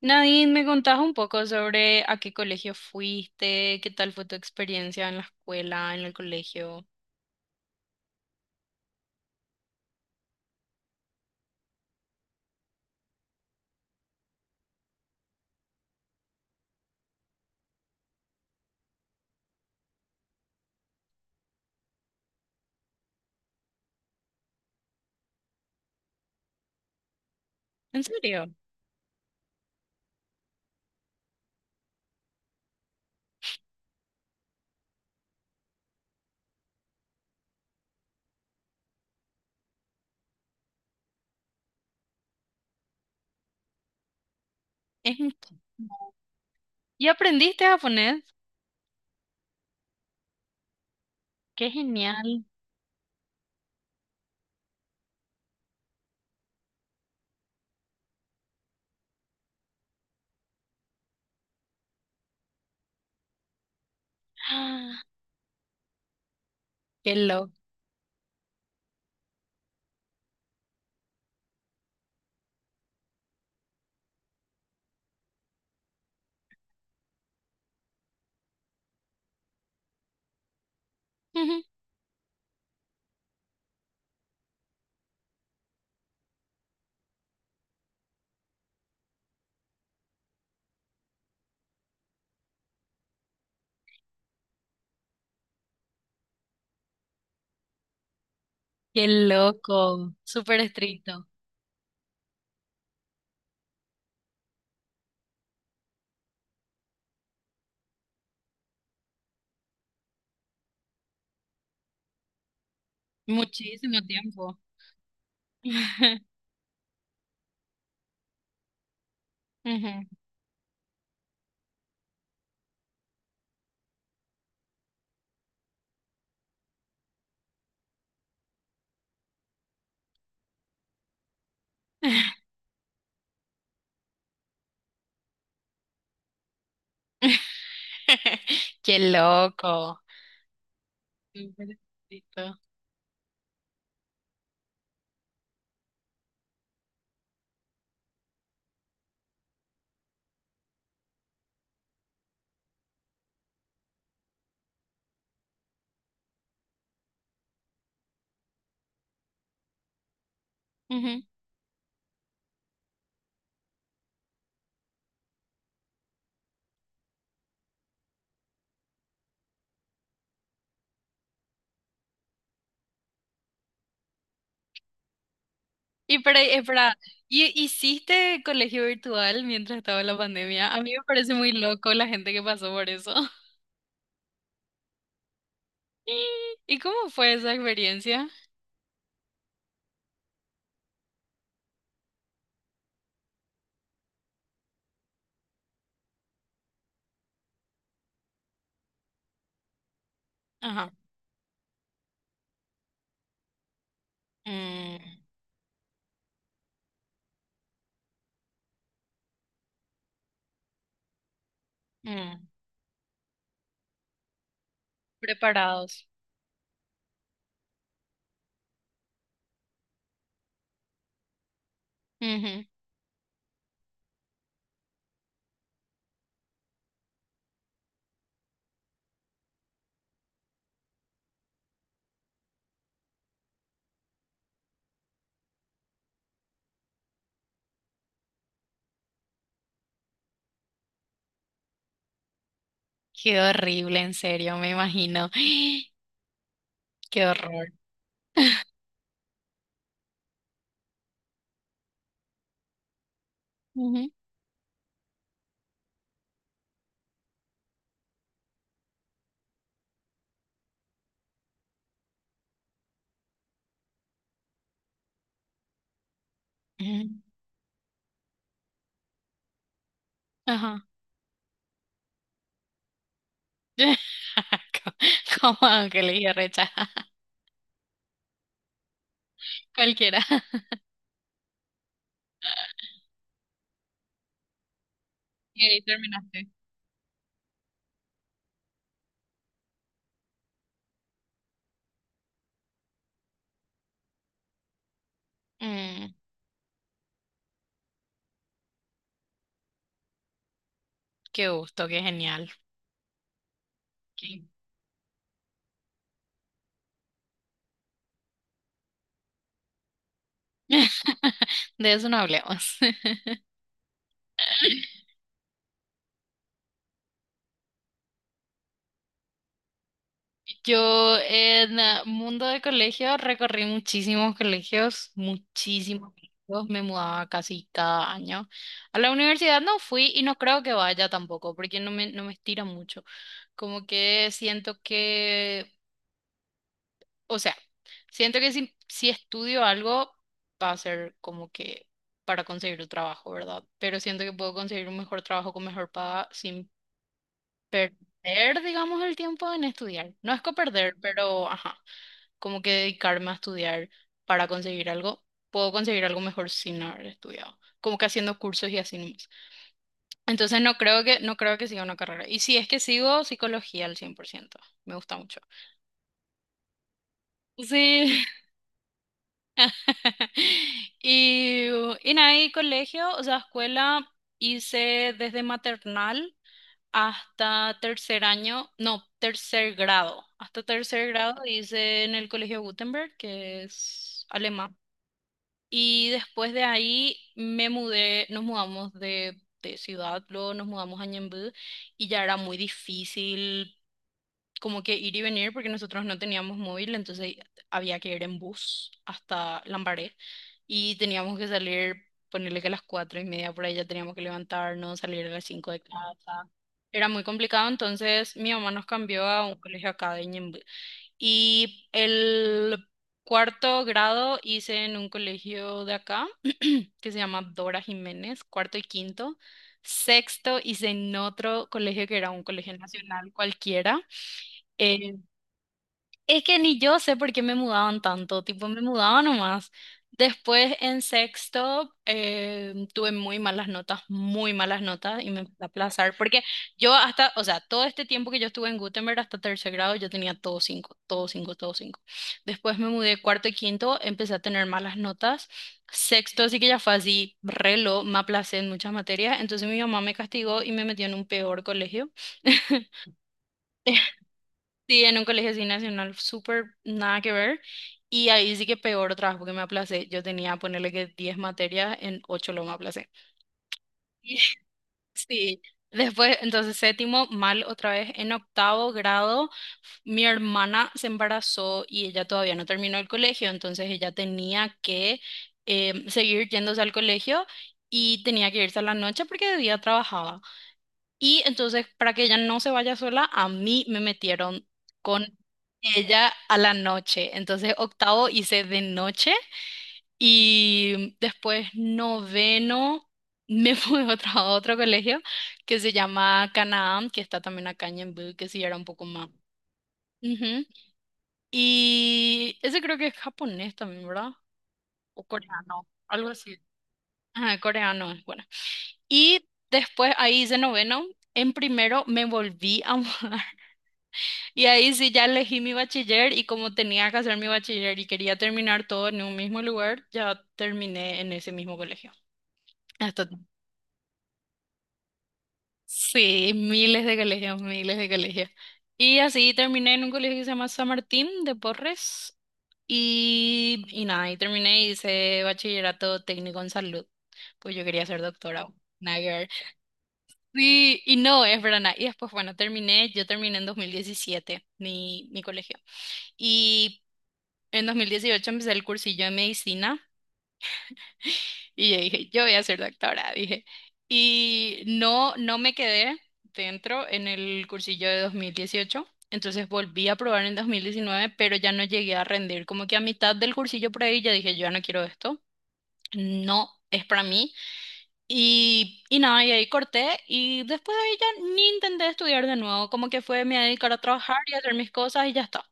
Nadine, me contás un poco sobre a qué colegio fuiste, qué tal fue tu experiencia en la escuela, en el colegio. En serio, es un- ¿Y aprendiste japonés? ¡Qué genial! ¡Ah! ¡Qué loco! ¡Qué loco! Súper estricto. Muchísimo tiempo. Ujú. ¡Qué loco! Súper estricto. Y para, espera, ¿hiciste colegio virtual mientras estaba la pandemia? A mí me parece muy loco la gente que pasó por eso. ¿Y y cómo fue esa experiencia? Ajá. Mm, mm. Preparados. Ujú. Qué horrible, en serio, me imagino. Qué horror. Ujú, ujú. Ajá. Como Ángeles y Recha. Cualquiera. Y ahí terminaste. Mm, qué gusto, qué genial. De eso no hablemos. Yo en mundo de colegio recorrí muchísimos colegios, me mudaba casi cada año. A la universidad no fui y no creo que vaya tampoco, porque no me estira mucho. Como que siento que, o sea, siento que si estudio algo va a ser como que para conseguir un trabajo, ¿verdad? Pero siento que puedo conseguir un mejor trabajo con mejor paga sin perder, digamos, el tiempo en estudiar. No es que perder, pero ajá, como que dedicarme a estudiar para conseguir algo. Puedo conseguir algo mejor sin haber estudiado, como que haciendo cursos y así nomás. Entonces no creo que siga una carrera. Y si es que sigo psicología al 100% me gusta mucho. Sí. Y, y nada, y colegio, o sea, escuela hice desde maternal hasta tercer año, no, tercer grado. Hasta tercer grado hice en el Colegio Gutenberg, que es alemán. Y después de ahí me mudé, nos mudamos de ciudad, luego nos mudamos a Ñemby y ya era muy difícil como que ir y venir porque nosotros no teníamos móvil, entonces había que ir en bus hasta Lambaré y teníamos que salir, ponerle que a las 4:30 por ahí ya teníamos que levantarnos, salir a las 5:00 de casa. Era muy complicado, entonces mi mamá nos cambió a un colegio acá de Ñemby. Y el cuarto grado hice en un colegio de acá que se llama Dora Jiménez, cuarto y quinto. Sexto hice en otro colegio que era un colegio nacional cualquiera. eh, es que ni yo sé por qué me mudaban tanto, tipo me mudaba nomás. Después en sexto tuve muy malas notas y me empecé a aplazar porque yo hasta, o sea, todo este tiempo que yo estuve en Gutenberg hasta tercer grado yo tenía todo cinco, todo cinco, todo cinco. Después me mudé cuarto y quinto, empecé a tener malas notas. Sexto sí que ya fue así, relo, me aplacé en muchas materias, entonces mi mamá me castigó y me metió en un peor colegio. Sí, en un colegio así nacional, súper nada que ver. Y ahí sí que peor trabajo que me aplacé. Yo tenía, ponerle que 10 materias, en 8 lo me aplacé. Sí. Después, entonces séptimo, mal otra vez. En octavo grado, mi hermana se embarazó y ella todavía no terminó el colegio, entonces ella tenía que seguir yéndose al colegio y tenía que irse a la noche porque de día trabajaba. Y entonces, para que ella no se vaya sola, a mí me metieron con ella a la noche. Entonces, octavo hice de noche y después noveno me fui a otro colegio que se llama Canaán, que está también acá en Ñemby, que sí era un poco más. Ujú. Y ese creo que es japonés también, ¿verdad? O coreano, algo así. Ah, coreano es bueno. Y después ahí hice noveno. En primero me volví a mudar. Y ahí sí ya elegí mi bachiller y como tenía que hacer mi bachiller y quería terminar todo en un mismo lugar, ya terminé en ese mismo colegio. Hasta, sí, miles de colegios, miles de colegios. Y así terminé en un colegio que se llama San Martín de Porres y nada, y terminé y hice bachillerato técnico en salud, pues yo quería ser doctora. Nada que ver. Sí, y no, es verdad. Nada. Y después, bueno, terminé, yo terminé en 2017 mi colegio. Y En 2018 empecé el cursillo de medicina y yo dije, yo voy a ser doctora, dije. Y no, no me quedé dentro en el cursillo de 2018, entonces volví a probar en 2019 pero ya no llegué a rendir. Como que a mitad del cursillo por ahí ya dije, yo ya no quiero esto, no es para mí. Y nada, y ahí corté y después de ahí ya ni intenté estudiar de nuevo, como que fue, me voy a dedicar a trabajar y a hacer mis cosas y ya está.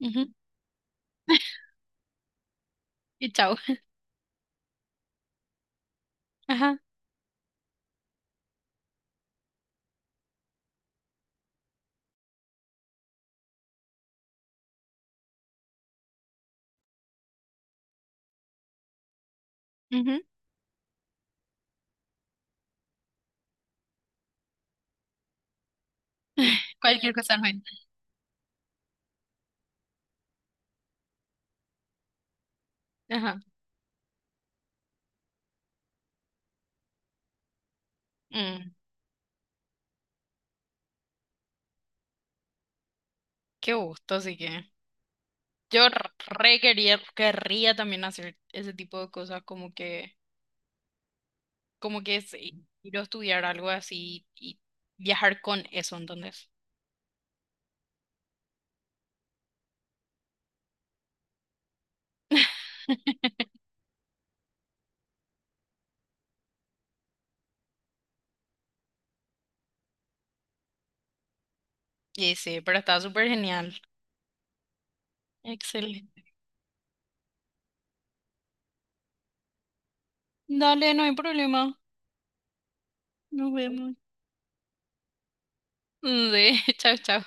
Ujú. Y chao. Ajá. Ujú. Cualquier cosa no. Ajá. Mm, qué gusto, así que yo querría también hacer ese tipo de cosas, como que ir a estudiar algo así y viajar con eso, entonces. Y sí, pero está súper genial. Excelente. Dale, no hay problema. Nos vemos. Mm, sí, chao, chao.